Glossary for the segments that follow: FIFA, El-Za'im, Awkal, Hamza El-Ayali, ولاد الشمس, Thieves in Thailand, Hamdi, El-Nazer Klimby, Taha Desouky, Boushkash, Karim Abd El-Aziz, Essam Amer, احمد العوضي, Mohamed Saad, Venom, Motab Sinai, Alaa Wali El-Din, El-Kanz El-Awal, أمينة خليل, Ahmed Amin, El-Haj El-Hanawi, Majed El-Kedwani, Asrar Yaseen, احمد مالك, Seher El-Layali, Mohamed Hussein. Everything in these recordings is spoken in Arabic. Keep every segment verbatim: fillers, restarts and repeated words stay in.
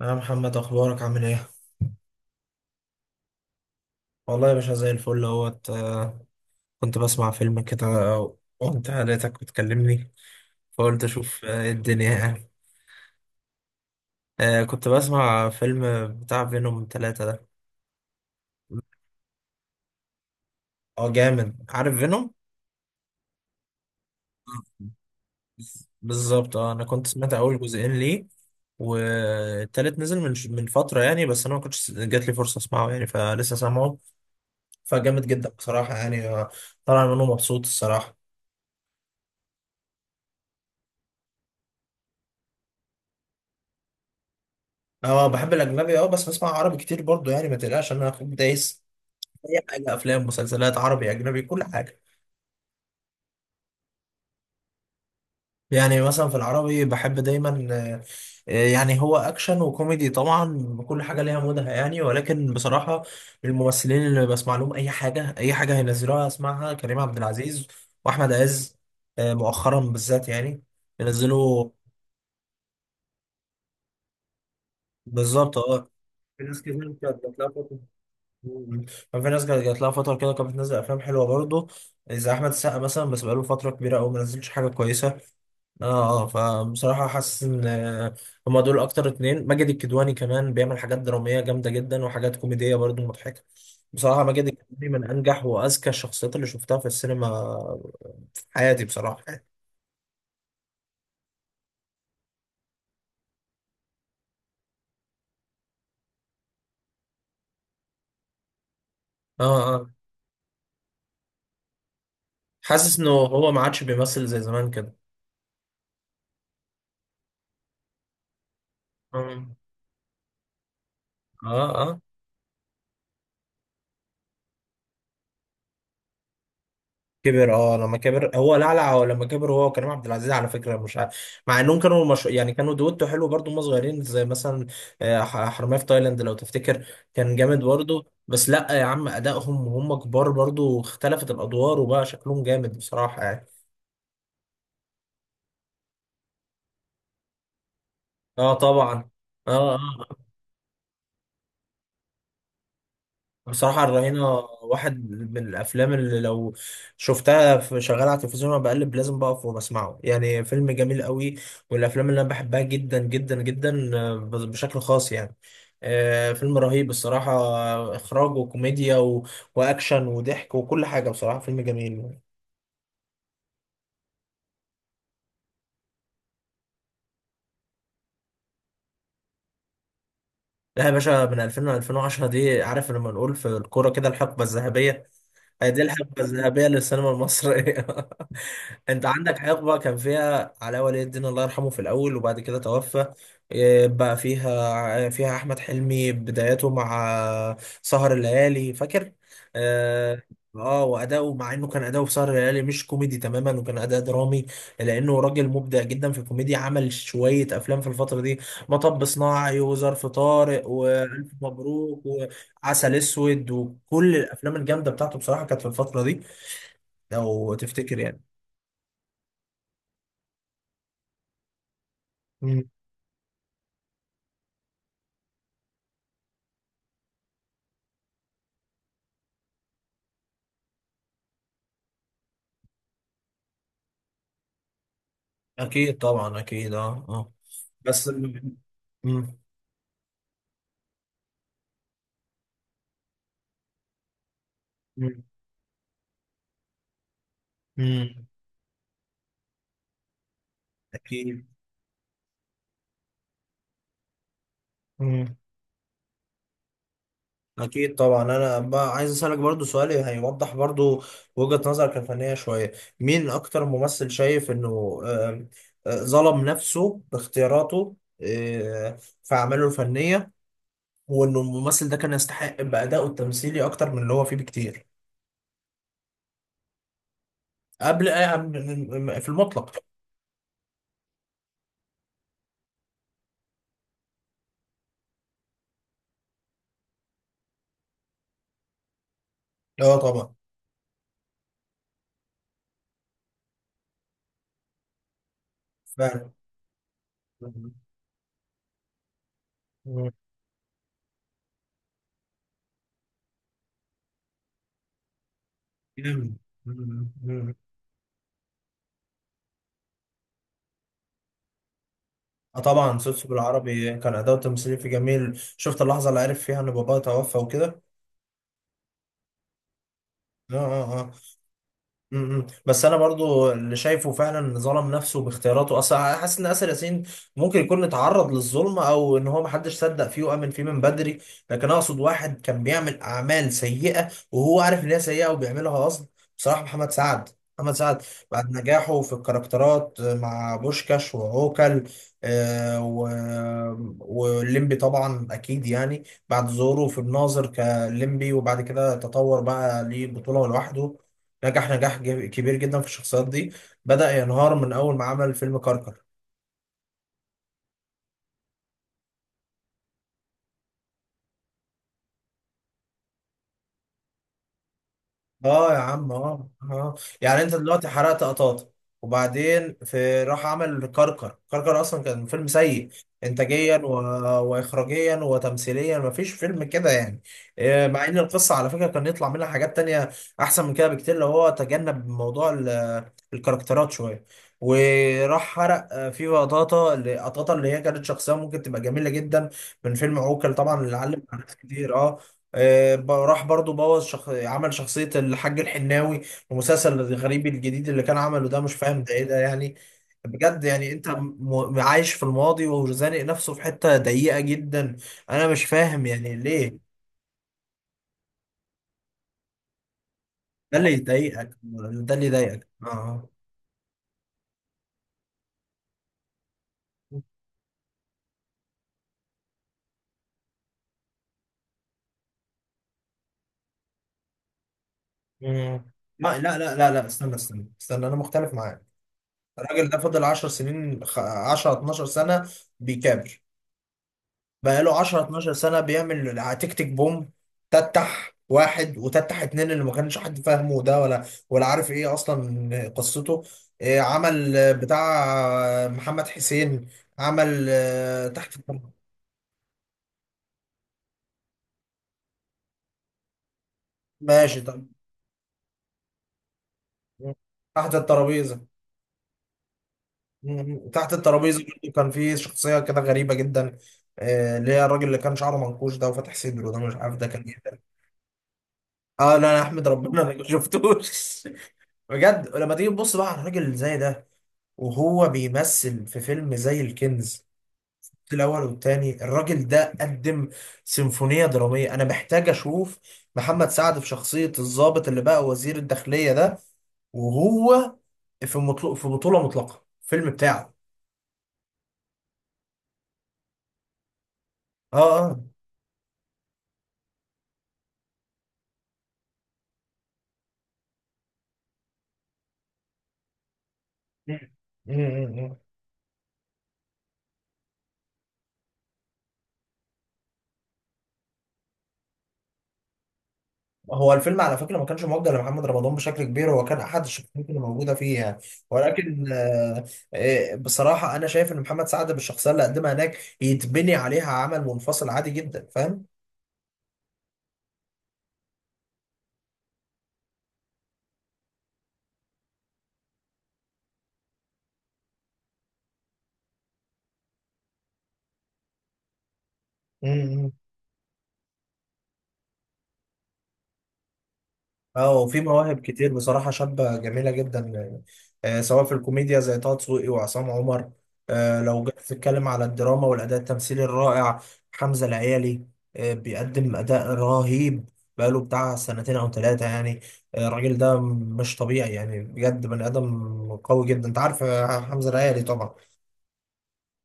يا محمد، اخبارك عامل ايه؟ والله يا باشا، زي الفل اهوت. آه، كنت بسمع فيلم كده وانت لقيتك بتكلمني، فقلت اشوف آه، ايه الدنيا يعني. آه، كنت بسمع فيلم بتاع فينوم ثلاثة ده. اه، جامد. عارف فينوم؟ بالظبط. اه، انا كنت سمعت اول جزئين ليه، والتالت نزل من من فترة يعني، بس انا ما كنتش جات لي فرصة اسمعه يعني، فلسه سامعه، فجامد جدا بصراحة يعني. آه، طالع منه مبسوط الصراحة. اه، بحب الاجنبي. اه بس بسمع عربي كتير برضو يعني، ما تقلقش انا اخوك دايس في اي حاجه، افلام مسلسلات عربي اجنبي كل حاجه. يعني مثلا في العربي بحب دايما آه، آه، يعني هو اكشن وكوميدي طبعا، كل حاجه ليها مودها يعني، ولكن بصراحه الممثلين اللي بسمع لهم اي حاجه اي حاجه هينزلوها اسمعها كريم عبد العزيز واحمد عز. آه، مؤخرا بالذات يعني ينزلوا. بالظبط. اه، في ناس كتير كانت بتلاقي. مم. كان في ناس كانت جات لها فترة كده كانت بتنزل أفلام حلوة برضه، زي أحمد السقا مثلا، بس بقاله فترة كبيرة أوي ما نزلش حاجة كويسة. آه آه. فبصراحة حاسس إن آه، هما دول أكتر اتنين. ماجد الكدواني كمان بيعمل حاجات درامية جامدة جدا وحاجات كوميدية برضه مضحكة. بصراحة ماجد الكدواني من أنجح وأذكى الشخصيات اللي شفتها في السينما في حياتي بصراحة. آه آه. حاسس إنه هو ما عادش بيمثل زي زمان كده. آه آه. كبر. اه لما كبر هو لعلع، هو لما كبر هو وكريم عبد العزيز على فكره. مش عارف، مع انهم كانوا مش... يعني كانوا دويتو حلو برضو هم صغيرين، زي مثلا آه، ح- حرامية في تايلاند لو تفتكر، كان جامد برضو. بس لا يا عم، ادائهم وهم كبار برضو اختلفت الادوار وبقى شكلهم جامد بصراحه يعني. اه طبعا. اه اه. بصراحة الرهينة واحد من الأفلام اللي لو شفتها في شغالة على التلفزيون وأنا بقلب، لازم بقف وبسمعه، يعني فيلم جميل قوي. والأفلام اللي أنا بحبها جدا جدا جدا آه، بشكل خاص يعني. آه، فيلم رهيب الصراحة. آه، إخراج وكوميديا و... وأكشن وضحك وكل حاجة، بصراحة فيلم جميل. لا يا باشا، من ألفين ل ألفين وعشرة دي عارف لما نقول في الكورة كده الحقبة الذهبية. هي دي الحقبة الذهبية للسينما المصرية. انت عندك حقبة كان فيها علاء ولي الدين الله يرحمه في الأول وبعد كده توفى. إيه بقى، فيها فيها أحمد حلمي بدايته مع سهر الليالي، فاكر؟ اه. آه، وأداؤه، مع إنه كان أداؤه في سهر الليالي مش كوميدي تماما وكان أداء درامي، لأنه راجل مبدع جدا في الكوميديا. عمل شوية أفلام في الفترة دي: مطب صناعي وظرف طارق والف مبروك وعسل اسود، وكل الافلام الجامده بتاعته بصراحه كانت في الفتره دي، لو تفتكر يعني. مم. اكيد طبعا، اكيد اه اه. بس م- م- مم. مم. اكيد. مم. اكيد طبعا. انا بقى عايز اسالك برضو سؤال هيوضح برضو وجهة نظرك الفنيه شويه: مين اكتر ممثل شايف انه آم، آه، ظلم نفسه باختياراته آه، في اعماله الفنيه، هو انه الممثل ده كان يستحق بأدائه التمثيلي اكتر من اللي هو فيه بكتير؟ قبل، آه، قبل- في المطلق. اه طبعا. فعلا. مم. جامد. مم. مم. اه طبعا، سوسو بالعربي كان أداؤه التمثيلي في جميل. شفت اللحظة اللي عرف فيها ان باباه توفى وكده؟ اه اه. آه. م- م. بس انا برضو اللي شايفه فعلا ظلم نفسه باختياراته اصلا، حاسس ان اسر ياسين ممكن يكون اتعرض للظلم، او ان هو محدش صدق فيه وامن فيه من بدري. لكن اقصد واحد كان بيعمل اعمال سيئه وهو عارف ان هي سيئه وبيعملها قصد، بصراحه محمد سعد. محمد سعد بعد نجاحه في الكاركترات مع بوشكاش وعوكل آه و... والليمبي طبعا اكيد يعني، بعد ظهوره في الناظر كليمبي وبعد كده تطور بقى ليه بطوله لوحده، نجح نجاح جب- كبير جدا في الشخصيات دي. بدأ ينهار من أول ما عمل فيلم كركر. اه يا عم، اه اه. يعني انت دلوقتي حرقت قطاطا، وبعدين في راح عمل كركر. كركر اصلا كان فيلم سيء انتاجيا و... واخراجيا وتمثيليا، مفيش فيلم كده يعني. آه، مع ان القصه على فكره كان يطلع منها حاجات تانية احسن من كده بكتير، لو هو تجنب موضوع ال... الكاركترات شويه، وراح حرق آه، فيفا قطاطا اللي قطاطا اللي هي كانت شخصيه ممكن تبقى جميله جدا من فيلم عوكل طبعا، اللي علم مع ناس كتير اه. آه، ب- راح برضو بوظ شخ... عمل شخصية الحاج الحناوي في المسلسل الغريب الجديد اللي كان عمله ده. مش فاهم ده ايه ده يعني. بجد يعني انت م... م- عايش في الماضي وزانق نفسه في حتة ضيقة جدا. انا مش فاهم يعني ليه. ده اللي يضايقك، ده اللي يضايقك اه. مم. ما لا لا لا لا، استنى استنى استنى، انا مختلف معاك. الراجل ده فضل عشر سنين خ- عشر اتناشر سنة بيكابر. بقاله عشر اتناشر سنة بيعمل تيك تيك بوم، تتح واحد وتتح اتنين، اللي ما كانش حد فاهمه ده ولا ولا عارف ايه اصلا قصته. إيه، عمل آه، بتاع آه، محمد حسين. عمل آه، تحت التر- ماشي طب، تحت الترابيزة. م- تحت الترابيزة برضه كان في شخصية كده غريبة جدا، آه، اللي هي الراجل اللي كان شعره منكوش ده وفاتح صدره ده، مش عارف ده كان ايه ده. اه لا، انا احمد ربنا انا ما شفتوش. بجد، ولما تيجي تبص بقى على الراجل اللي زي ده وهو بيمثل في فيلم زي الكنز الأول والتاني، الراجل ده قدم سيمفونية درامية. أنا محتاج أشوف محمد سعد في شخصية الضابط اللي بقى وزير الداخلية ده، وهو في مطلق في بطولة مطلقة الفيلم بتاعه. اه اه. مم. مم، مم. هو الفيلم على فكرة ما كانش موجه لمحمد رمضان بشكل كبير، هو كان أحد الشخصيات اللي موجودة فيه يعني. ولكن آه، آه، بصراحة أنا شايف إن محمد سعد بالشخصية اللي قدمها هناك يتبني عليها عمل منفصل عادي جدا، فاهم. امم اه، وفي مواهب كتير بصراحة شابة جميلة جدا يعني، آه سواء في الكوميديا زي طه دسوقي وعصام عمر. آه لو جيت تتكلم على الدراما والأداء التمثيلي الرائع، حمزة العيالي آه بيقدم أداء رهيب بقاله بتاع سنتين أو ثلاثة يعني. آه الراجل ده مش طبيعي يعني، بجد بني آدم قوي جدا. أنت عارف آه، حمزة العيالي طبعا؟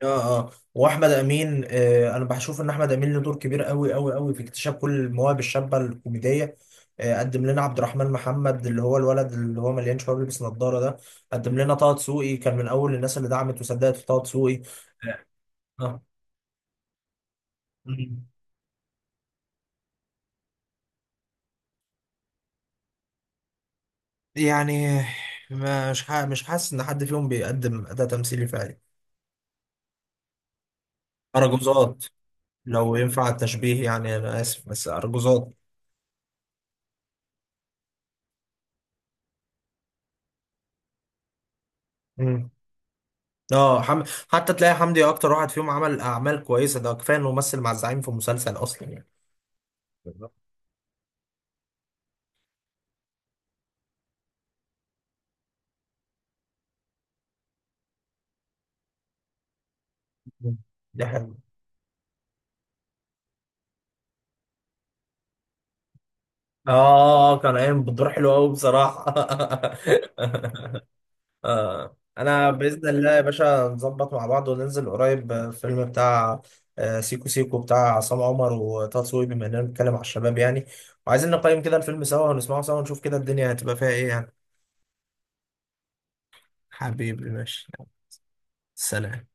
اه اه. واحمد امين آه، انا بشوف ان احمد امين له دور كبير قوي قوي قوي في اكتشاف كل المواهب الشابه الكوميديه. آه قدم لنا عبد الرحمن محمد اللي هو الولد اللي هو مليان شباب بيلبس نظاره ده. قدم لنا طه دسوقي، كان من اول الناس اللي دعمت وصدقت في طه دسوقي. اه. آه. مم. يعني ما- مش ح- مش حاسس ان حد فيهم بيقدم اداء تمثيلي فعلي. ارجوزات، لو ينفع التشبيه يعني انا اسف، بس ارجوزات. مم. اه حم... حتى تلاقي حمدي اكتر واحد فيهم عمل اعمال كويسه، ده كفايه انه مثل مع الزعيم في مسلسل اصلا يعني. بالظبط. دي حلوه. اه، كان قايم بدور حلو قوي بصراحه. آه. انا باذن الله يا باشا نظبط مع بعض وننزل قريب آه، الفيلم بتاع آه، سيكو سيكو بتاع عصام عمر وطه دسوقي، بما اننا بنتكلم على الشباب يعني وعايزين نقيم كده الفيلم سوا ونسمعه سوا ونشوف كده الدنيا هتبقى فيها ايه يعني. حبيبي ماشي. سلام.